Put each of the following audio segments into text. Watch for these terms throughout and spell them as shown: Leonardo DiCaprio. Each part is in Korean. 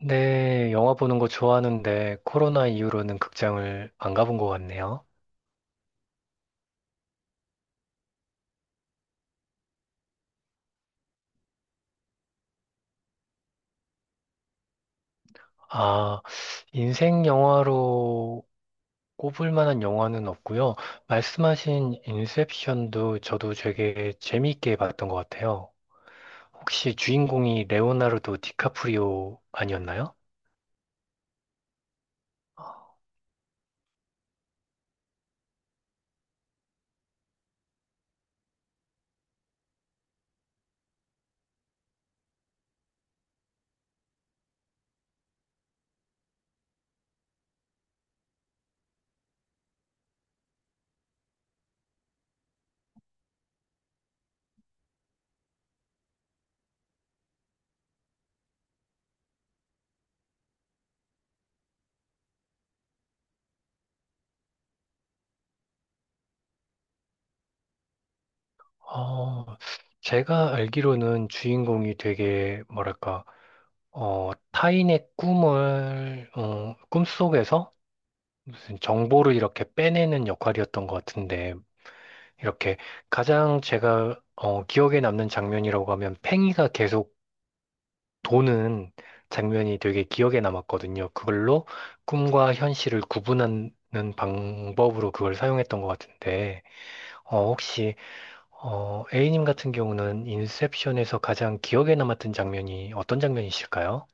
네, 영화 보는 거 좋아하는데 코로나 이후로는 극장을 안 가본 것 같네요. 아, 인생 영화로 꼽을 만한 영화는 없고요. 말씀하신 인셉션도 저도 되게 재미있게 봤던 것 같아요. 혹시 주인공이 레오나르도 디카프리오 아니었나요? 어, 제가 알기로는 주인공이 되게, 뭐랄까, 타인의 꿈을, 꿈속에서 무슨 정보를 이렇게 빼내는 역할이었던 것 같은데, 이렇게 가장 제가 기억에 남는 장면이라고 하면 팽이가 계속 도는 장면이 되게 기억에 남았거든요. 그걸로 꿈과 현실을 구분하는 방법으로 그걸 사용했던 것 같은데, 혹시 A님 같은 경우는 인셉션에서 가장 기억에 남았던 장면이 어떤 장면이실까요?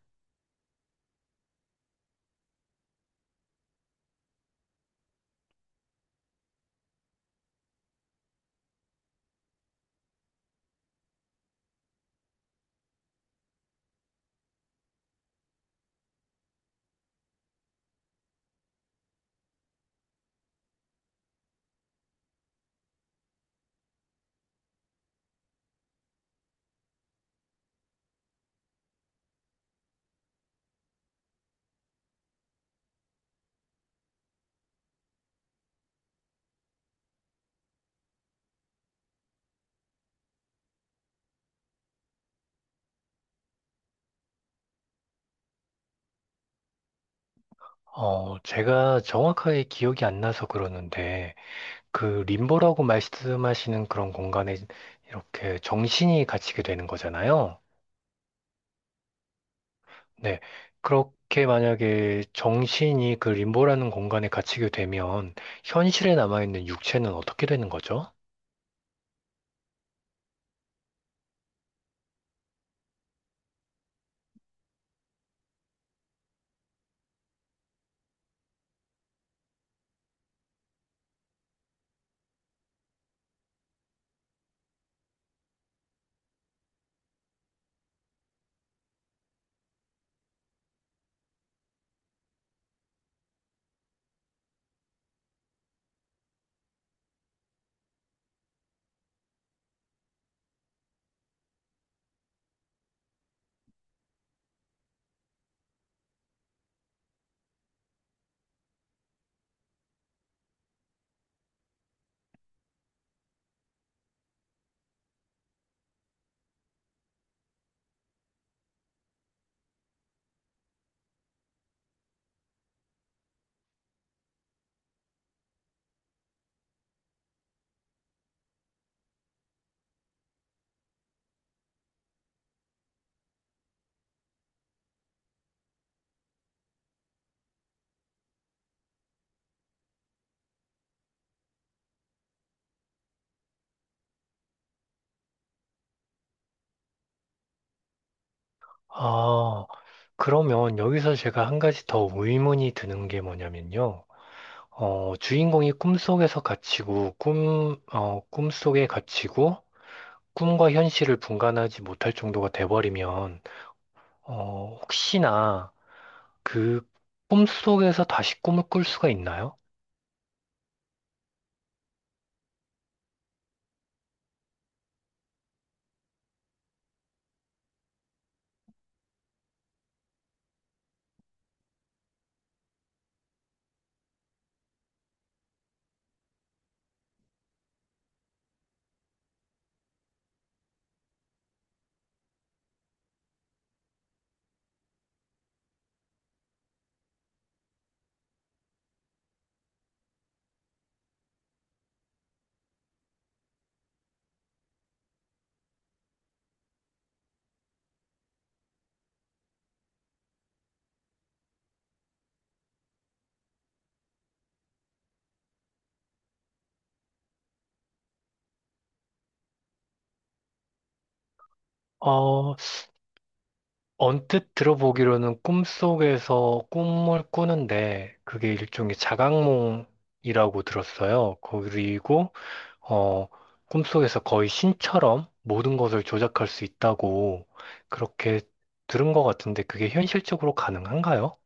제가 정확하게 기억이 안 나서 그러는데, 그 림보라고 말씀하시는 그런 공간에 이렇게 정신이 갇히게 되는 거잖아요. 네. 그렇게 만약에 정신이 그 림보라는 공간에 갇히게 되면 현실에 남아있는 육체는 어떻게 되는 거죠? 아, 그러면 여기서 제가 한 가지 더 의문이 드는 게 뭐냐면요. 주인공이 꿈속에서 갇히고 꿈속에 갇히고 꿈과 현실을 분간하지 못할 정도가 돼버리면 혹시나 그 꿈속에서 다시 꿈을 꿀 수가 있나요? 어, 언뜻 들어보기로는 꿈속에서 꿈을 꾸는데 그게 일종의 자각몽이라고 들었어요. 그리고 어, 꿈속에서 거의 신처럼 모든 것을 조작할 수 있다고 그렇게 들은 것 같은데 그게 현실적으로 가능한가요?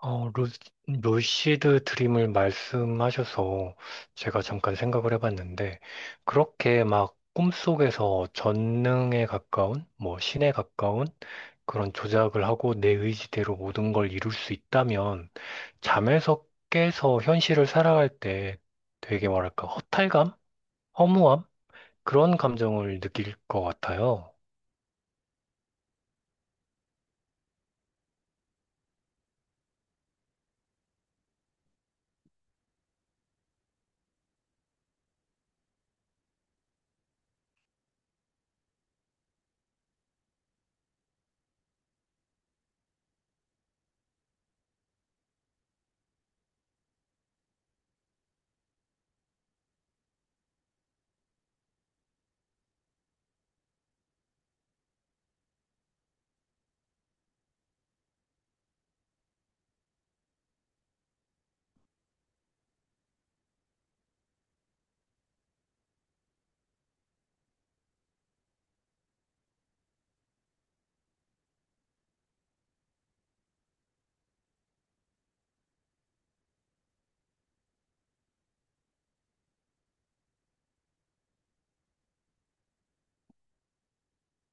어, 루, 루시드 드림을 말씀하셔서 제가 잠깐 생각을 해봤는데, 그렇게 막 꿈속에서 전능에 가까운, 뭐 신에 가까운 그런 조작을 하고 내 의지대로 모든 걸 이룰 수 있다면, 잠에서 깨서 현실을 살아갈 때 되게 뭐랄까, 허탈감? 허무함? 그런 감정을 느낄 것 같아요.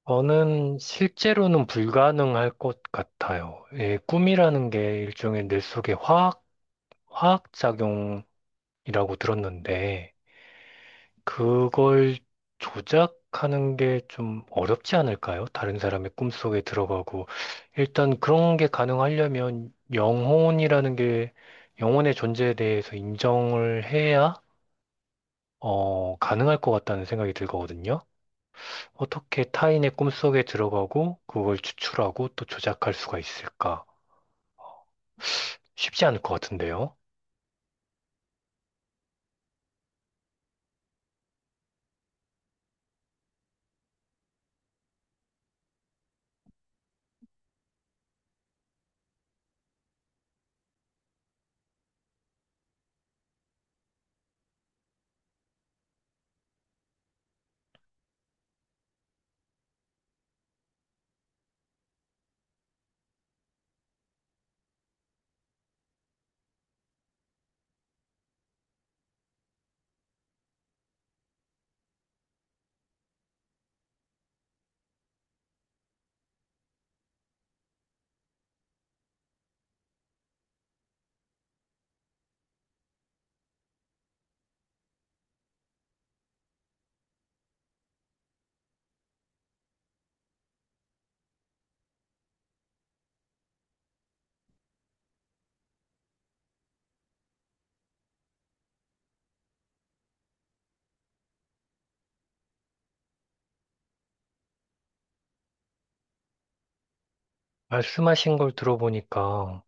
저는 실제로는 불가능할 것 같아요. 예, 꿈이라는 게 일종의 뇌 속의 화학작용이라고 들었는데, 그걸 조작하는 게 좀 어렵지 않을까요? 다른 사람의 꿈속에 들어가고. 일단 그런 게 가능하려면 영혼이라는 게, 영혼의 존재에 대해서 인정을 해야, 가능할 것 같다는 생각이 들거든요. 어떻게 타인의 꿈속에 들어가고 그걸 추출하고 또 조작할 수가 있을까? 쉽지 않을 것 같은데요. 말씀하신 걸 들어보니까,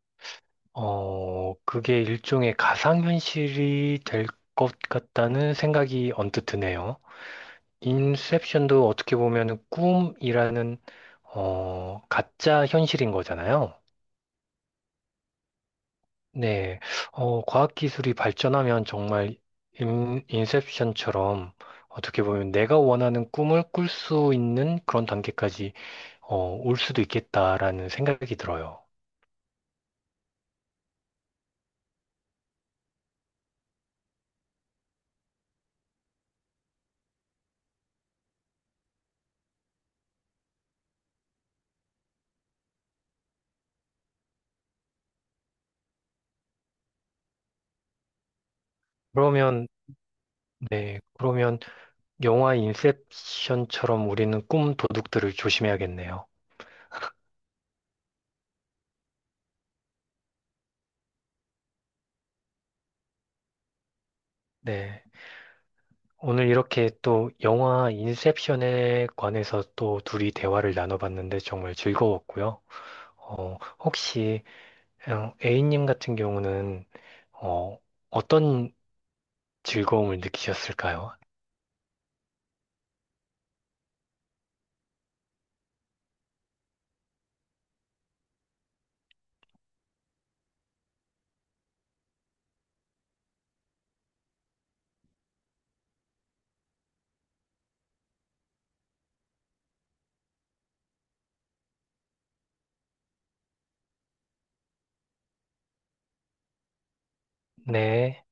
그게 일종의 가상현실이 될 것 같다는 생각이 언뜻 드네요. 인셉션도 어떻게 보면 꿈이라는, 가짜 현실인 거잖아요. 네, 과학기술이 발전하면 정말 인셉션처럼 어떻게 보면 내가 원하는 꿈을 꿀 수 있는 그런 단계까지 올 수도 있겠다라는 생각이 들어요. 그러면, 네, 그러면 영화 인셉션처럼 우리는 꿈 도둑들을 조심해야겠네요. 네, 오늘 이렇게 또 영화 인셉션에 관해서 또 둘이 대화를 나눠봤는데 정말 즐거웠고요. 혹시 A님 같은 경우는 어, 어떤 즐거움을 느끼셨을까요? 네.